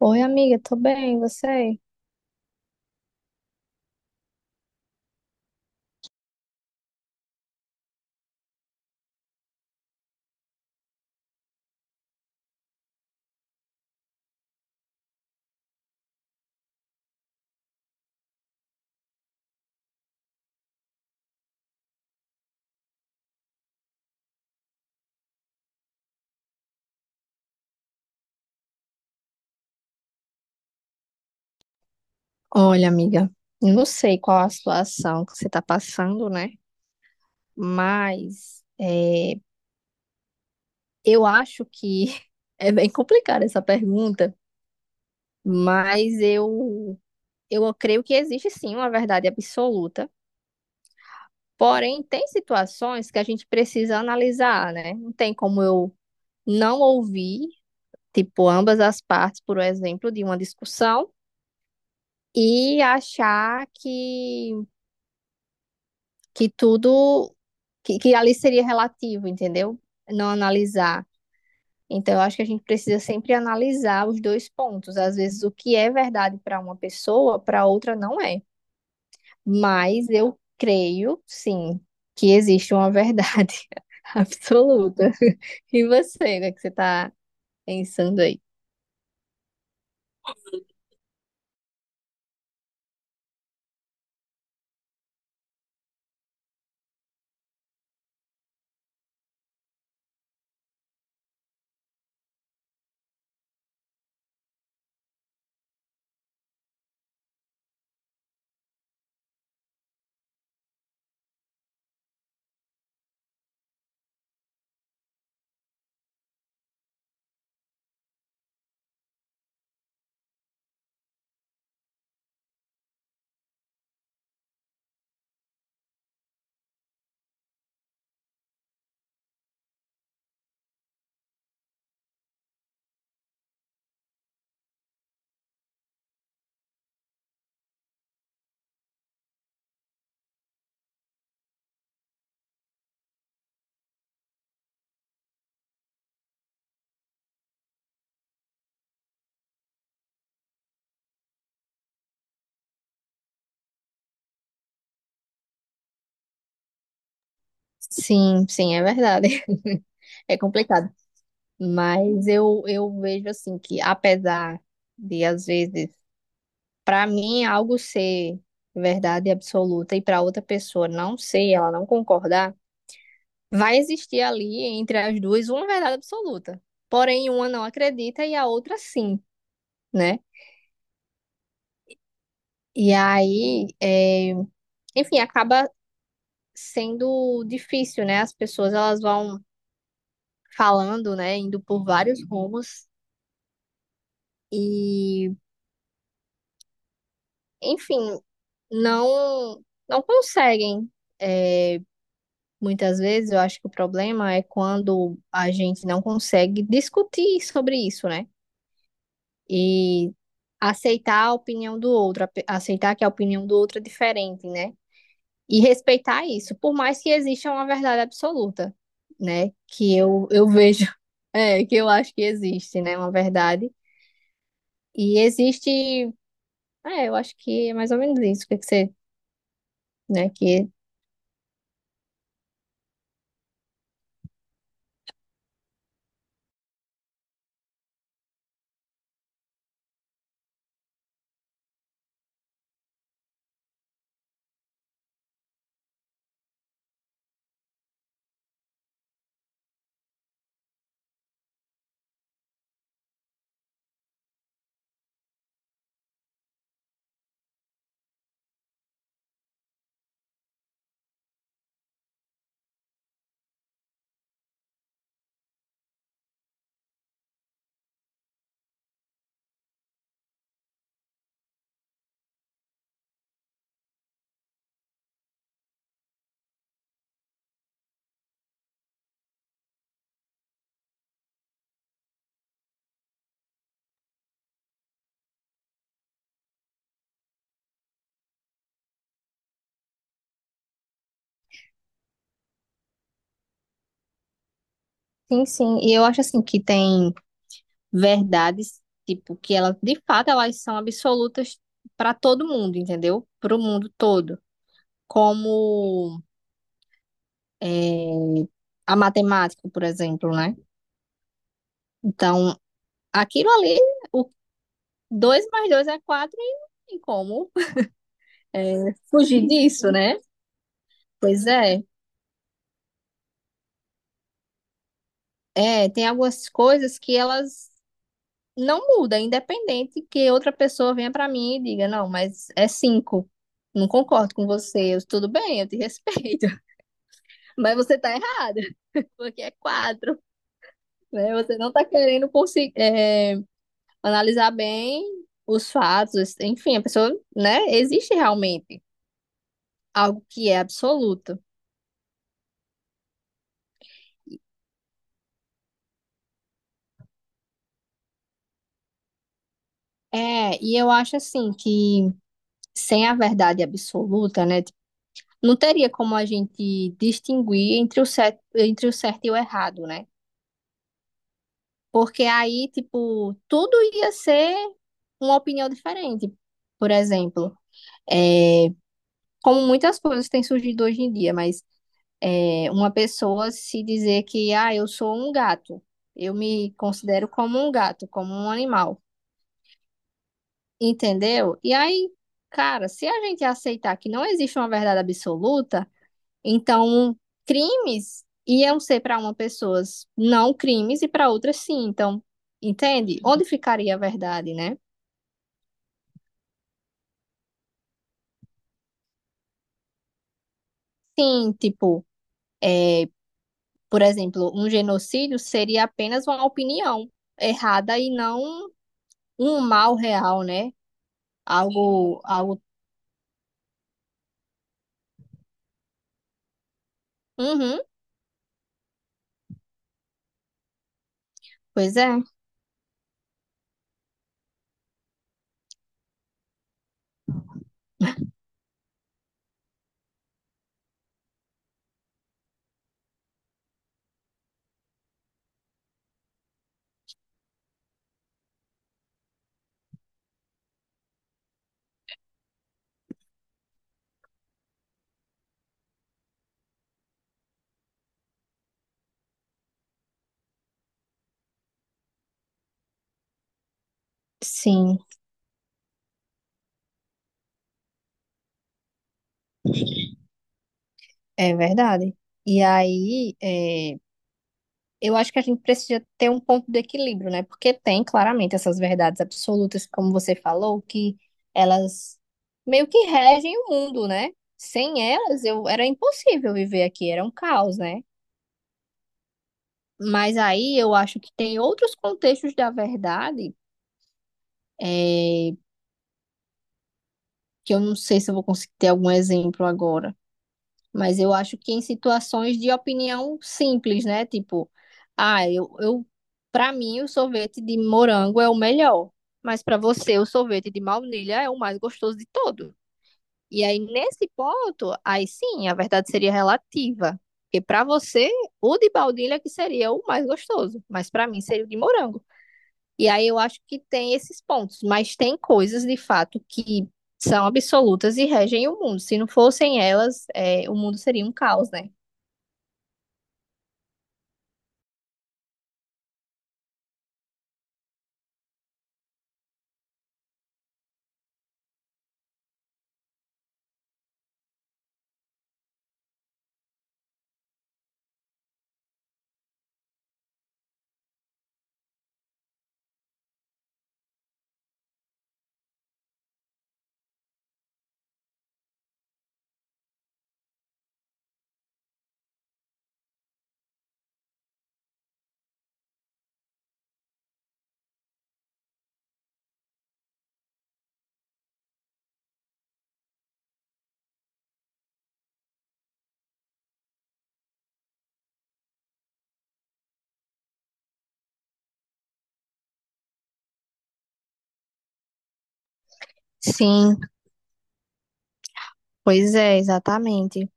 Oi, amiga, tô bem, e você? Olha, amiga, eu não sei qual a situação que você tá passando, né? Mas é, eu acho que é bem complicada essa pergunta, mas eu creio que existe sim uma verdade absoluta. Porém, tem situações que a gente precisa analisar, né? Não tem como eu não ouvir, tipo, ambas as partes, por exemplo, de uma discussão e achar que tudo, que ali seria relativo, entendeu? Não analisar. Então, eu acho que a gente precisa sempre analisar os dois pontos. Às vezes, o que é verdade para uma pessoa, para outra não é. Mas eu creio, sim, que existe uma verdade absoluta. E você, né, que você está pensando aí? Sim, sim, é verdade. É complicado. Mas eu vejo assim que, apesar de, às vezes, para mim, é algo ser verdade absoluta e para outra pessoa não ser, ela não concordar, vai existir ali entre as duas uma verdade absoluta. Porém, uma não acredita e a outra sim, né? E aí, enfim, acaba sendo difícil, né? As pessoas elas vão falando, né? Indo por vários rumos e, enfim, não não conseguem. é, Muitas vezes eu acho que o problema é quando a gente não consegue discutir sobre isso, né? E aceitar a opinião do outro, aceitar que a opinião do outro é diferente, né? E respeitar isso, por mais que exista uma verdade absoluta, né? Que eu vejo, que eu acho que existe, né? Uma verdade. E existe, eu acho que é mais ou menos isso, que você, né? Que, sim, sim. E eu acho assim que tem verdades, tipo, que elas, de fato, elas são absolutas para todo mundo, entendeu? Para o mundo todo. Como é, a matemática, por exemplo, né? Então, aquilo ali, o 2 mais 2 é 4 e não tem como fugir disso, né? Pois é. É, tem algumas coisas que elas não mudam, independente que outra pessoa venha para mim e diga, não, mas é cinco. Não concordo com você. Eu, tudo bem, eu te respeito. Mas você tá errada, porque é quatro, né? Você não está querendo conseguir, analisar bem os fatos, enfim, a pessoa, né? Existe realmente algo que é absoluto. É, e eu acho assim que sem a verdade absoluta, né? Tipo, não teria como a gente distinguir entre o certo e o errado, né? Porque aí, tipo, tudo ia ser uma opinião diferente. Por exemplo, é, como muitas coisas têm surgido hoje em dia, mas uma pessoa se dizer que, ah, eu sou um gato, eu me considero como um gato, como um animal, entendeu? E aí, cara, se a gente aceitar que não existe uma verdade absoluta, então crimes iam ser para uma pessoa não crimes e para outras sim, então, entende? Onde ficaria a verdade, né? Sim, tipo, por exemplo, um genocídio seria apenas uma opinião errada e não um mal real, né? Algo, algo. Uhum, pois é. Sim, é verdade. E aí, eu acho que a gente precisa ter um ponto de equilíbrio, né? Porque tem claramente essas verdades absolutas, como você falou, que elas meio que regem o mundo, né? Sem elas, eu era impossível viver aqui, era um caos, né? Mas aí eu acho que tem outros contextos da verdade, é, que eu não sei se eu vou conseguir ter algum exemplo agora. Mas eu acho que em situações de opinião simples, né? Tipo, ah, eu para mim o sorvete de morango é o melhor, mas para você o sorvete de baunilha é o mais gostoso de todo. E aí nesse ponto, aí sim, a verdade seria relativa, porque para você o de baunilha que seria o mais gostoso, mas para mim seria o de morango. E aí eu acho que tem esses pontos, mas tem coisas de fato que são absolutas e regem o mundo. Se não fossem elas, o mundo seria um caos, né? Sim, pois é, exatamente.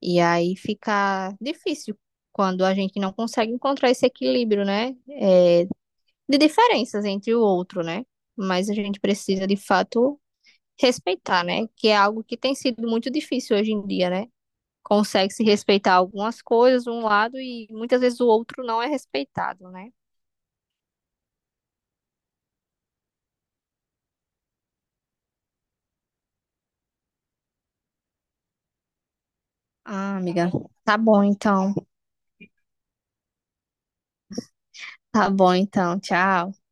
E aí fica difícil quando a gente não consegue encontrar esse equilíbrio, né? É, de diferenças entre o outro, né? Mas a gente precisa, de fato, respeitar, né? Que é algo que tem sido muito difícil hoje em dia, né? Consegue-se respeitar algumas coisas, um lado, e muitas vezes o outro não é respeitado, né? Ah, amiga. Tá bom, então. Tá bom, então. Tchau.